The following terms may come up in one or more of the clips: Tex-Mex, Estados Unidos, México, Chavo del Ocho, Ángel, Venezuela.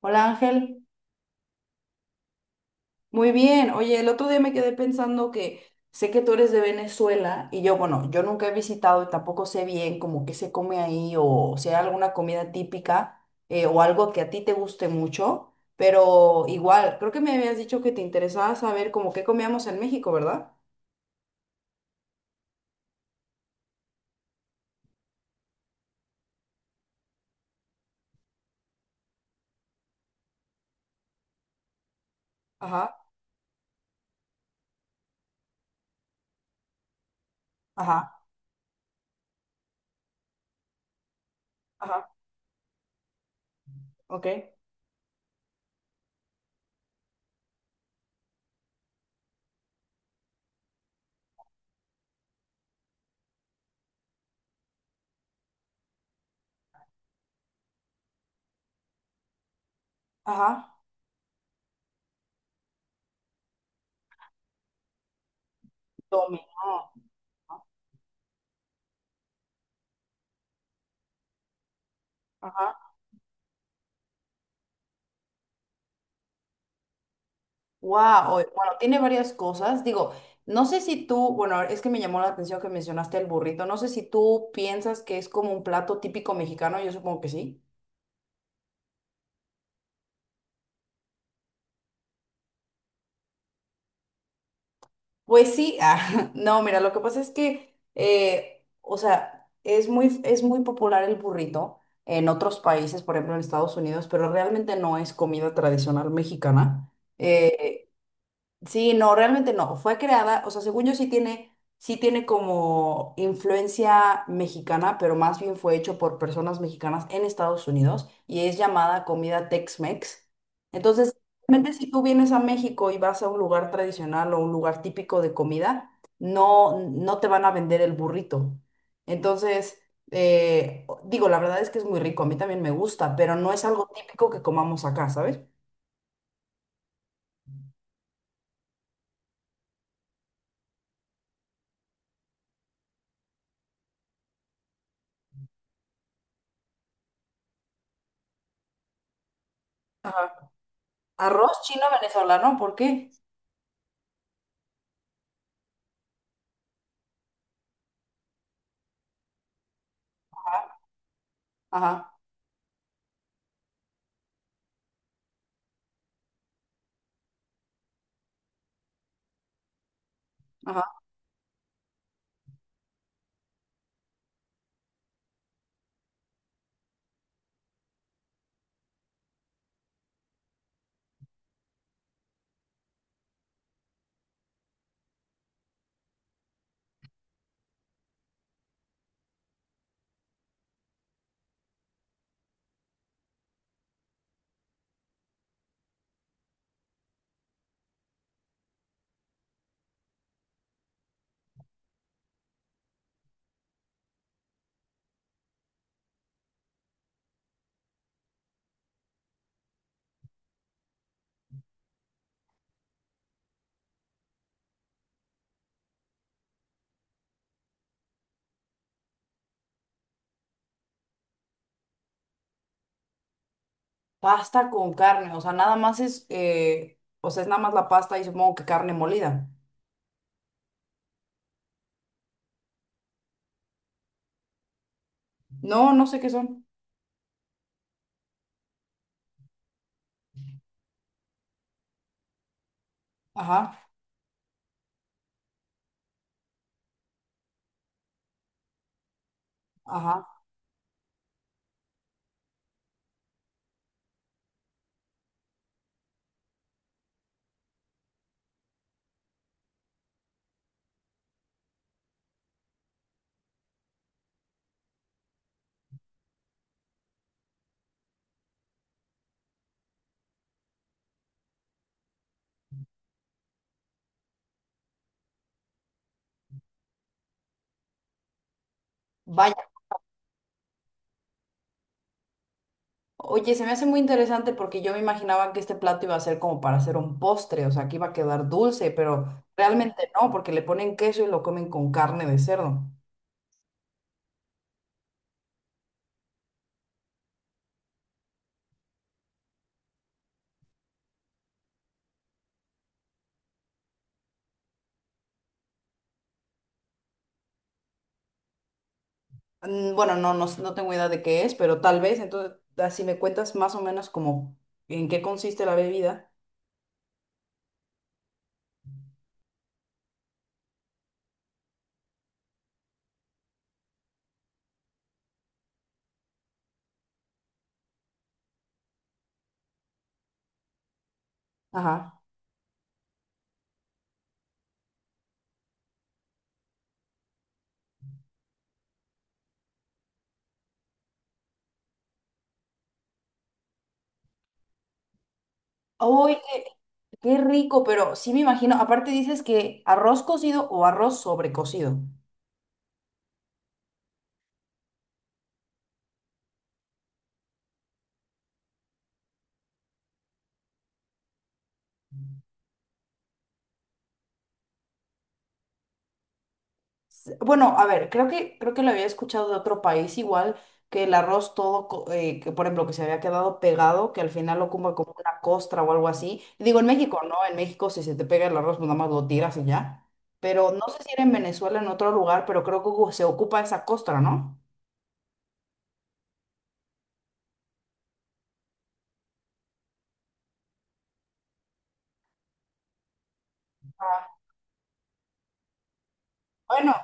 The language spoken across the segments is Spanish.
Hola Ángel, muy bien. Oye, el otro día me quedé pensando que sé que tú eres de Venezuela y yo, bueno, yo nunca he visitado y tampoco sé bien como qué se come ahí o si hay alguna comida típica o algo que a ti te guste mucho, pero igual, creo que me habías dicho que te interesaba saber como qué comíamos en México, ¿verdad? Ajá, ajá, ajá, ok, ajá, dominó, ¿no? Ajá, wow, bueno, tiene varias cosas. Digo, no sé si tú, bueno, es que me llamó la atención que mencionaste el burrito. No sé si tú piensas que es como un plato típico mexicano, yo supongo que sí. Pues sí, ah, no, mira, lo que pasa es que, o sea, es muy popular el burrito en otros países, por ejemplo en Estados Unidos, pero realmente no es comida tradicional mexicana. Eh, Sí, no, realmente no. Fue creada, o sea, según yo sí tiene como influencia mexicana, pero más bien fue hecho por personas mexicanas en Estados Unidos y es llamada comida Tex-Mex. Entonces, realmente si tú vienes a México y vas a un lugar tradicional o un lugar típico de comida, no te van a vender el burrito. Entonces, digo, la verdad es que es muy rico, a mí también me gusta, pero no es algo típico que comamos acá, ¿sabes? Ajá. Arroz chino venezolano, ¿por qué? Ajá, ajá. Pasta con carne, o sea, es nada más la pasta y supongo que carne molida. No, no sé qué son. Ajá, ajá. Vaya, oye, se me hace muy interesante porque yo me imaginaba que este plato iba a ser como para hacer un postre, o sea, que iba a quedar dulce, pero realmente no, porque le ponen queso y lo comen con carne de cerdo. Mm, bueno, no, no, no tengo idea de qué es, pero tal vez, entonces, si me cuentas más o menos como en qué consiste la bebida. Ajá. Oye. Qué rico, pero sí me imagino, aparte dices que arroz cocido o arroz sobrecocido. Bueno, a ver, creo que lo había escuchado de otro país igual, que el arroz todo, que por ejemplo, que se había quedado pegado, que al final lo como como una costra o algo así. Digo, en México, ¿no? En México si se te pega el arroz, pues nada más lo tiras y ya. Pero no sé si era en Venezuela, en otro lugar, pero creo que se ocupa esa costra, ¿no? Ah, bueno.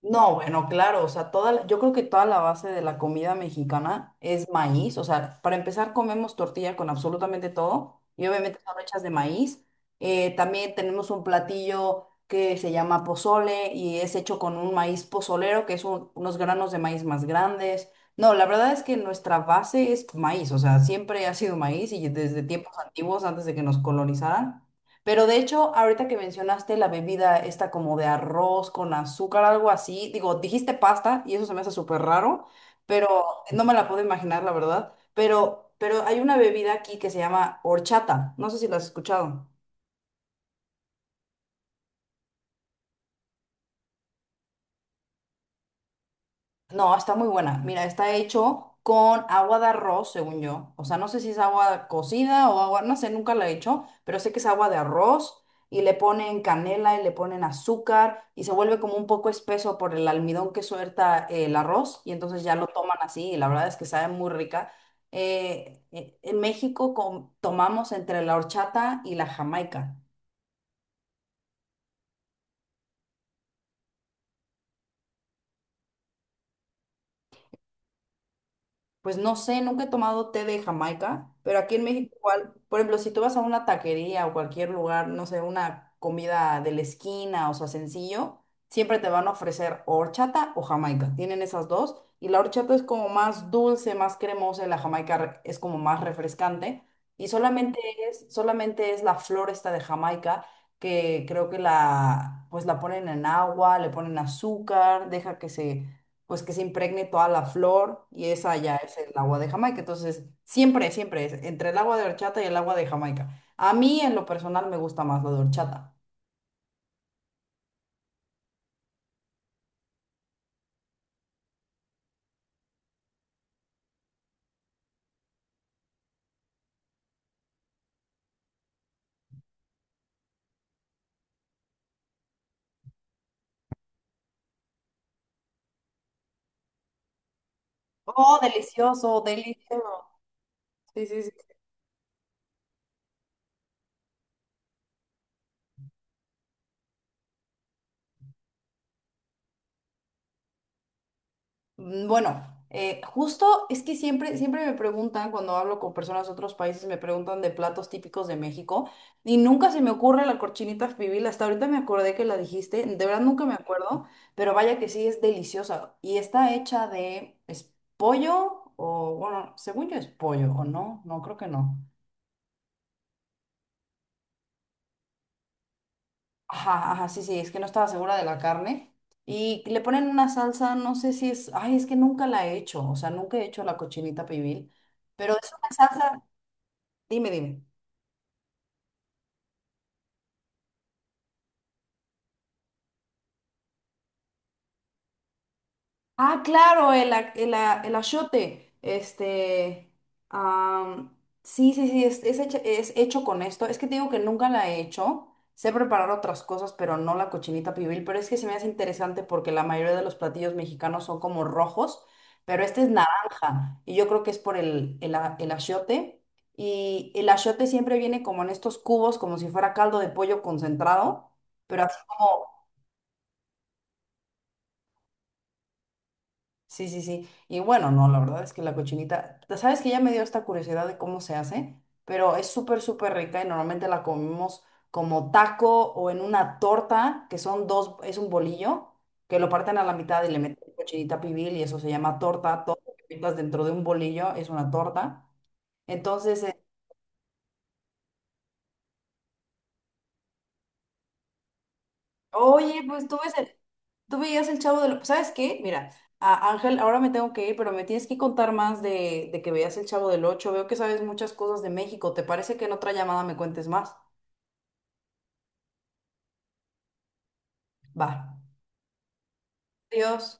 No, bueno, claro, o sea, toda, yo creo que toda la base de la comida mexicana es maíz, o sea, para empezar comemos tortilla con absolutamente todo y obviamente son hechas de maíz. También tenemos un platillo que se llama pozole y es hecho con un maíz pozolero, que es unos granos de maíz más grandes. No, la verdad es que nuestra base es maíz, o sea, siempre ha sido maíz y desde tiempos antiguos, antes de que nos colonizaran. Pero de hecho, ahorita que mencionaste la bebida esta como de arroz con azúcar, algo así, digo, dijiste pasta y eso se me hace súper raro, pero no me la puedo imaginar, la verdad. Pero hay una bebida aquí que se llama horchata, no sé si la has escuchado. No, está muy buena. Mira, está hecho con agua de arroz, según yo. O sea, no sé si es agua cocida o agua, no sé, nunca la he hecho, pero sé que es agua de arroz y le ponen canela y le ponen azúcar y se vuelve como un poco espeso por el almidón que suelta el arroz y entonces ya lo toman así y la verdad es que sabe muy rica. En México tomamos entre la horchata y la jamaica. Pues no sé, nunca he tomado té de Jamaica, pero aquí en México igual, por ejemplo, si tú vas a una taquería o cualquier lugar, no sé, una comida de la esquina o sea, sencillo, siempre te van a ofrecer o horchata o Jamaica. Tienen esas dos y la horchata es como más dulce, más cremosa, y la Jamaica es como más refrescante y solamente es la flor esta de Jamaica que creo que la pues la ponen en agua, le ponen azúcar, deja que se pues que se impregne toda la flor y esa ya es el agua de Jamaica. Entonces, siempre es entre el agua de horchata y el agua de Jamaica. A mí en lo personal me gusta más la de horchata. Oh, delicioso, delicioso. Sí, sí, sí. Mm, bueno, justo es que siempre me preguntan cuando hablo con personas de otros países, me preguntan de platos típicos de México y nunca se me ocurre la cochinita pibil. Hasta ahorita me acordé que la dijiste, de verdad nunca me acuerdo, pero vaya que sí es deliciosa y está hecha de es pollo o bueno, según yo es pollo o no, no creo que no. Ajá, ajá, sí, sí, es que no estaba segura de la carne. Y le ponen una salsa, no sé si es, ay, es que nunca la he hecho, o sea, nunca he hecho la cochinita pibil, pero es una salsa, dime, dime. Ah, claro, el achiote. Este, am, sí, sí, sí, es hecho con esto. Es que te digo que nunca la he hecho. Sé preparar otras cosas, pero no la cochinita pibil. Pero es que se me hace interesante porque la mayoría de los platillos mexicanos son como rojos, pero este es naranja. Y yo creo que es por el achiote. Y el achiote siempre viene como en estos cubos, como si fuera caldo de pollo concentrado, pero así. Sí, sí, sí. Y bueno, no, la verdad es que la cochinita, sabes que ya me dio esta curiosidad de cómo se hace, pero es súper, súper rica y normalmente la comemos como taco o en una torta, que son dos, es un bolillo, que lo parten a la mitad y le meten cochinita pibil y eso se llama torta. Todo lo que metas dentro de un bolillo es una torta. Entonces, oye, pues tú ves, tú veías el Chavo del... ¿Sabes qué? Mira, Ángel, ahora me tengo que ir, pero me tienes que contar más de que veías el Chavo del Ocho. Veo que sabes muchas cosas de México. ¿Te parece que en otra llamada me cuentes más? Va. Adiós.